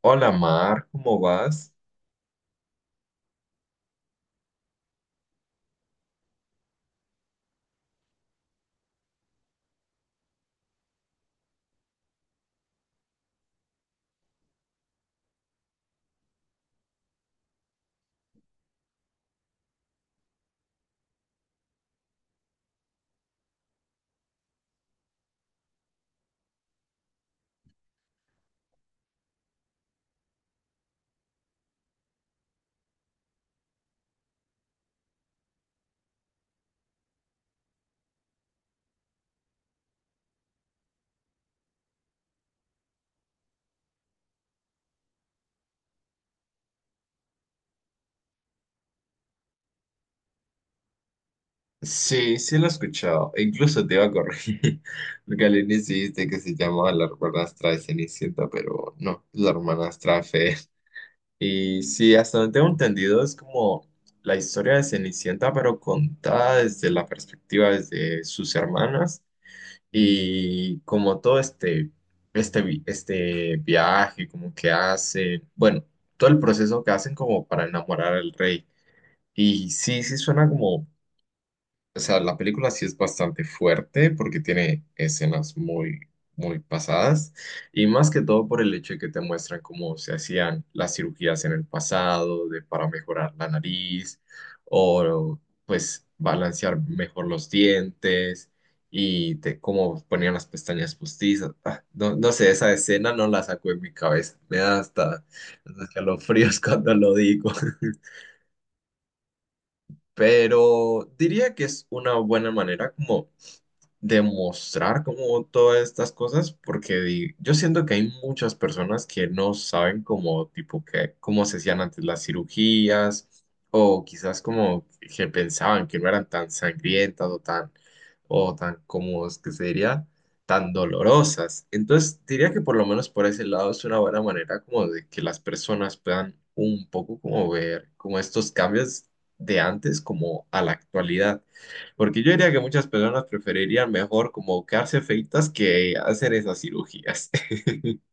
Hola Mar, ¿cómo vas? Sí, sí lo he escuchado. E incluso te iba a corregir. Porque al inicio dijiste que se llamaba la hermanastra de Cenicienta, pero no, es la hermanastra de Fe. Y sí, hasta donde tengo entendido, es como la historia de Cenicienta, pero contada desde la perspectiva de sus hermanas. Y como todo este viaje, como que hacen, bueno, todo el proceso que hacen como para enamorar al rey. Y sí, sí suena como. O sea, la película sí es bastante fuerte porque tiene escenas muy pasadas y más que todo por el hecho de que te muestran cómo se hacían las cirugías en el pasado de, para mejorar la nariz o pues balancear mejor los dientes y te, cómo ponían las pestañas postizas. Ah, no, no sé, esa escena no la saco de mi cabeza. Me da hasta escalofríos cuando lo digo. Pero diría que es una buena manera como demostrar como todas estas cosas, porque yo siento que hay muchas personas que no saben como tipo que, cómo se hacían antes las cirugías, o quizás como que pensaban que no eran tan sangrientas o tan, como es que se diría, tan dolorosas. Entonces diría que por lo menos por ese lado es una buena manera como de que las personas puedan un poco como ver como estos cambios de antes como a la actualidad. Porque yo diría que muchas personas preferirían mejor como quedarse feitas que hacer esas cirugías.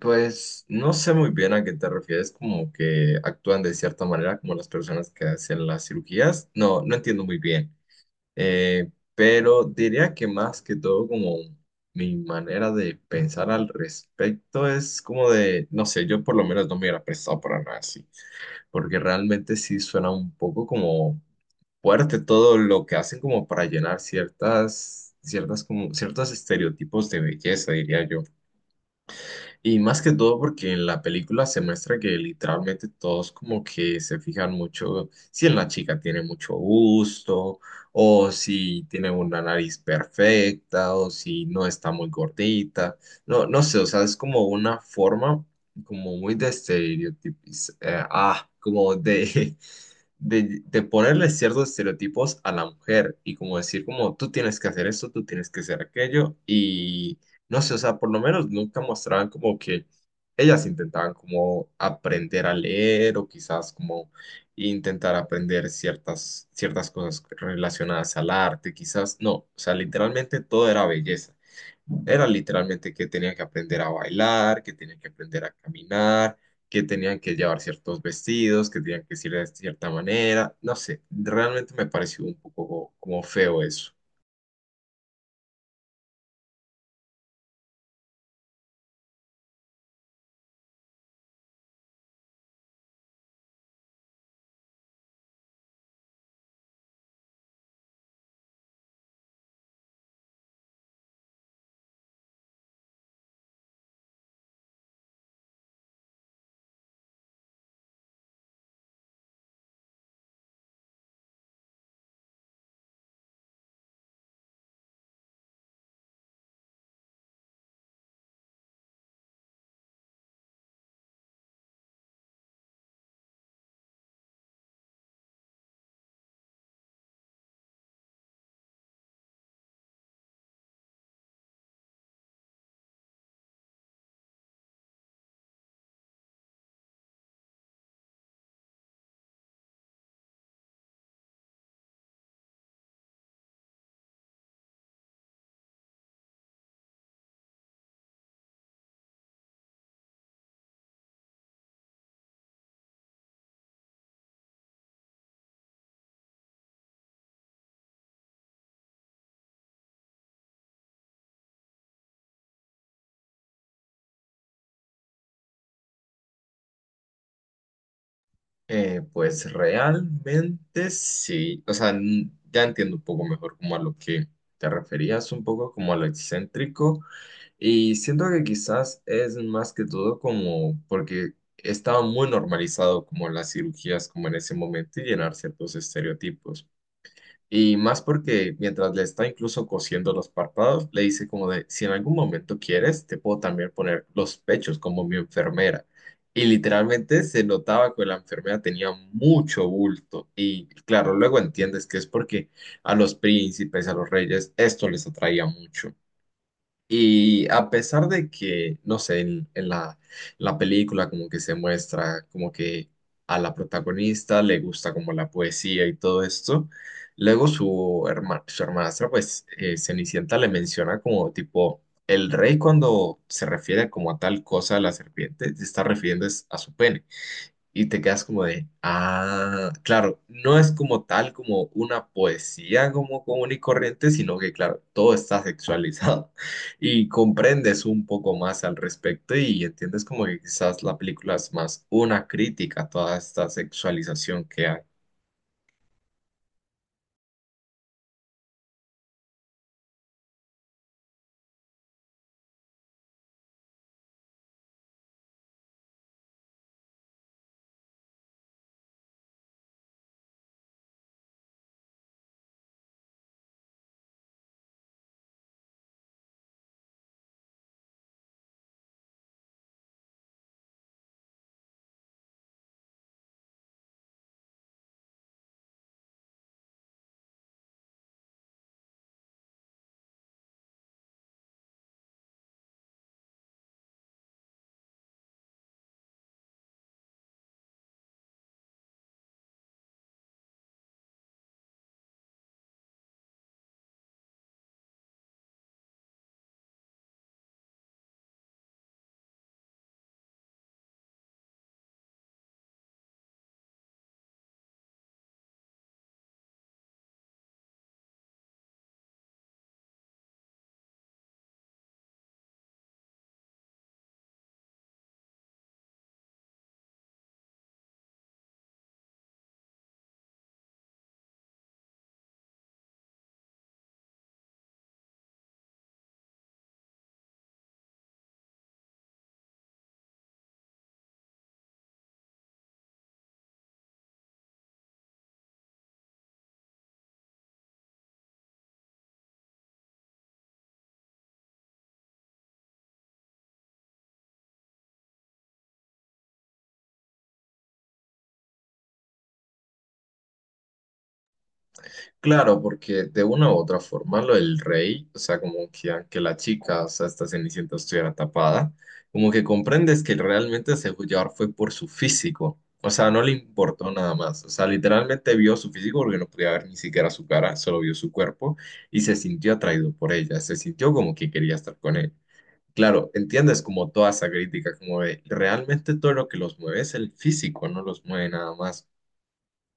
Pues no sé muy bien a qué te refieres, como que actúan de cierta manera como las personas que hacen las cirugías. No, no entiendo muy bien. Eh, pero diría que más que todo como mi manera de pensar al respecto es como de, no sé, yo por lo menos no me hubiera prestado para nada así, porque realmente sí suena un poco como fuerte todo lo que hacen como para llenar ciertas como, ciertos estereotipos de belleza, diría yo. Y más que todo porque en la película se muestra que literalmente todos como que se fijan mucho si en la chica tiene mucho gusto, o si tiene una nariz perfecta, o si no está muy gordita. No, no sé, o sea, es como una forma como muy de estereotipos, ah, como de de ponerle ciertos estereotipos a la mujer y como decir como tú tienes que hacer esto, tú tienes que hacer aquello y no sé, o sea, por lo menos nunca mostraban como que ellas intentaban como aprender a leer o quizás como intentar aprender ciertas cosas relacionadas al arte, quizás no, o sea, literalmente todo era belleza. Era literalmente que tenía que aprender a bailar, que tenía que aprender a caminar, que tenían que llevar ciertos vestidos, que tenían que ir de cierta manera, no sé, realmente me pareció un poco como feo eso. Pues realmente sí, o sea, ya entiendo un poco mejor como a lo que te referías, un poco como a lo excéntrico, y siento que quizás es más que todo como porque estaba muy normalizado como las cirugías como en ese momento y llenar ciertos estereotipos. Y más porque mientras le está incluso cosiendo los párpados, le dice como de, si en algún momento quieres, te puedo también poner los pechos como mi enfermera. Y literalmente se notaba que la enfermera tenía mucho bulto. Y claro, luego entiendes que es porque a los príncipes, a los reyes, esto les atraía mucho. Y a pesar de que, no sé, en la, la película como que se muestra como que a la protagonista le gusta como la poesía y todo esto, luego su, su hermanastra, pues Cenicienta le menciona como tipo, el rey cuando se refiere como a tal cosa a la serpiente, se está refiriendo es a su pene y te quedas como de, ah, claro, no es como tal como una poesía como común y corriente, sino que, claro, todo está sexualizado y comprendes un poco más al respecto y entiendes como que quizás la película es más una crítica a toda esta sexualización que hay. Claro, porque de una u otra forma lo del rey, o sea, como que aunque la chica, o sea, esta Cenicienta estuviera tapada, como que comprendes que realmente se dejó llevar fue por su físico, o sea, no le importó nada más, o sea, literalmente vio su físico porque no podía ver ni siquiera su cara, solo vio su cuerpo y se sintió atraído por ella, se sintió como que quería estar con él. Claro, entiendes como toda esa crítica, como de realmente todo lo que los mueve es el físico, no los mueve nada más.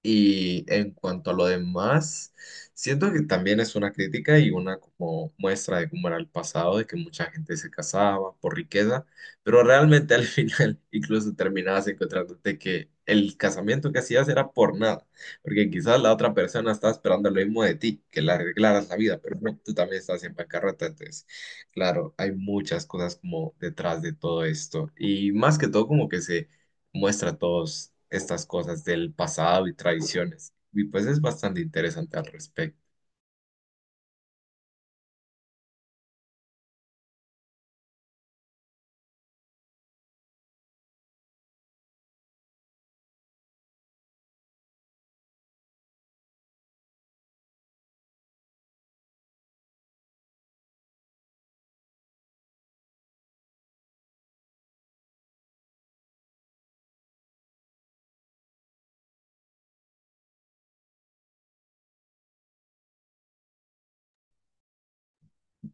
Y en cuanto a lo demás, siento que también es una crítica y una como muestra de cómo era el pasado, de que mucha gente se casaba por riqueza, pero realmente al final incluso terminabas encontrándote que el casamiento que hacías era por nada, porque quizás la otra persona estaba esperando lo mismo de ti, que le arreglaras la vida, pero no, tú también estás en bancarrota, entonces, claro, hay muchas cosas como detrás de todo esto y más que todo como que se muestra todas estas cosas del pasado y tradiciones. Y pues es bastante interesante al respecto.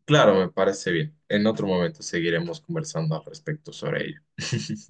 Claro, me parece bien. En otro momento seguiremos conversando al respecto sobre ello.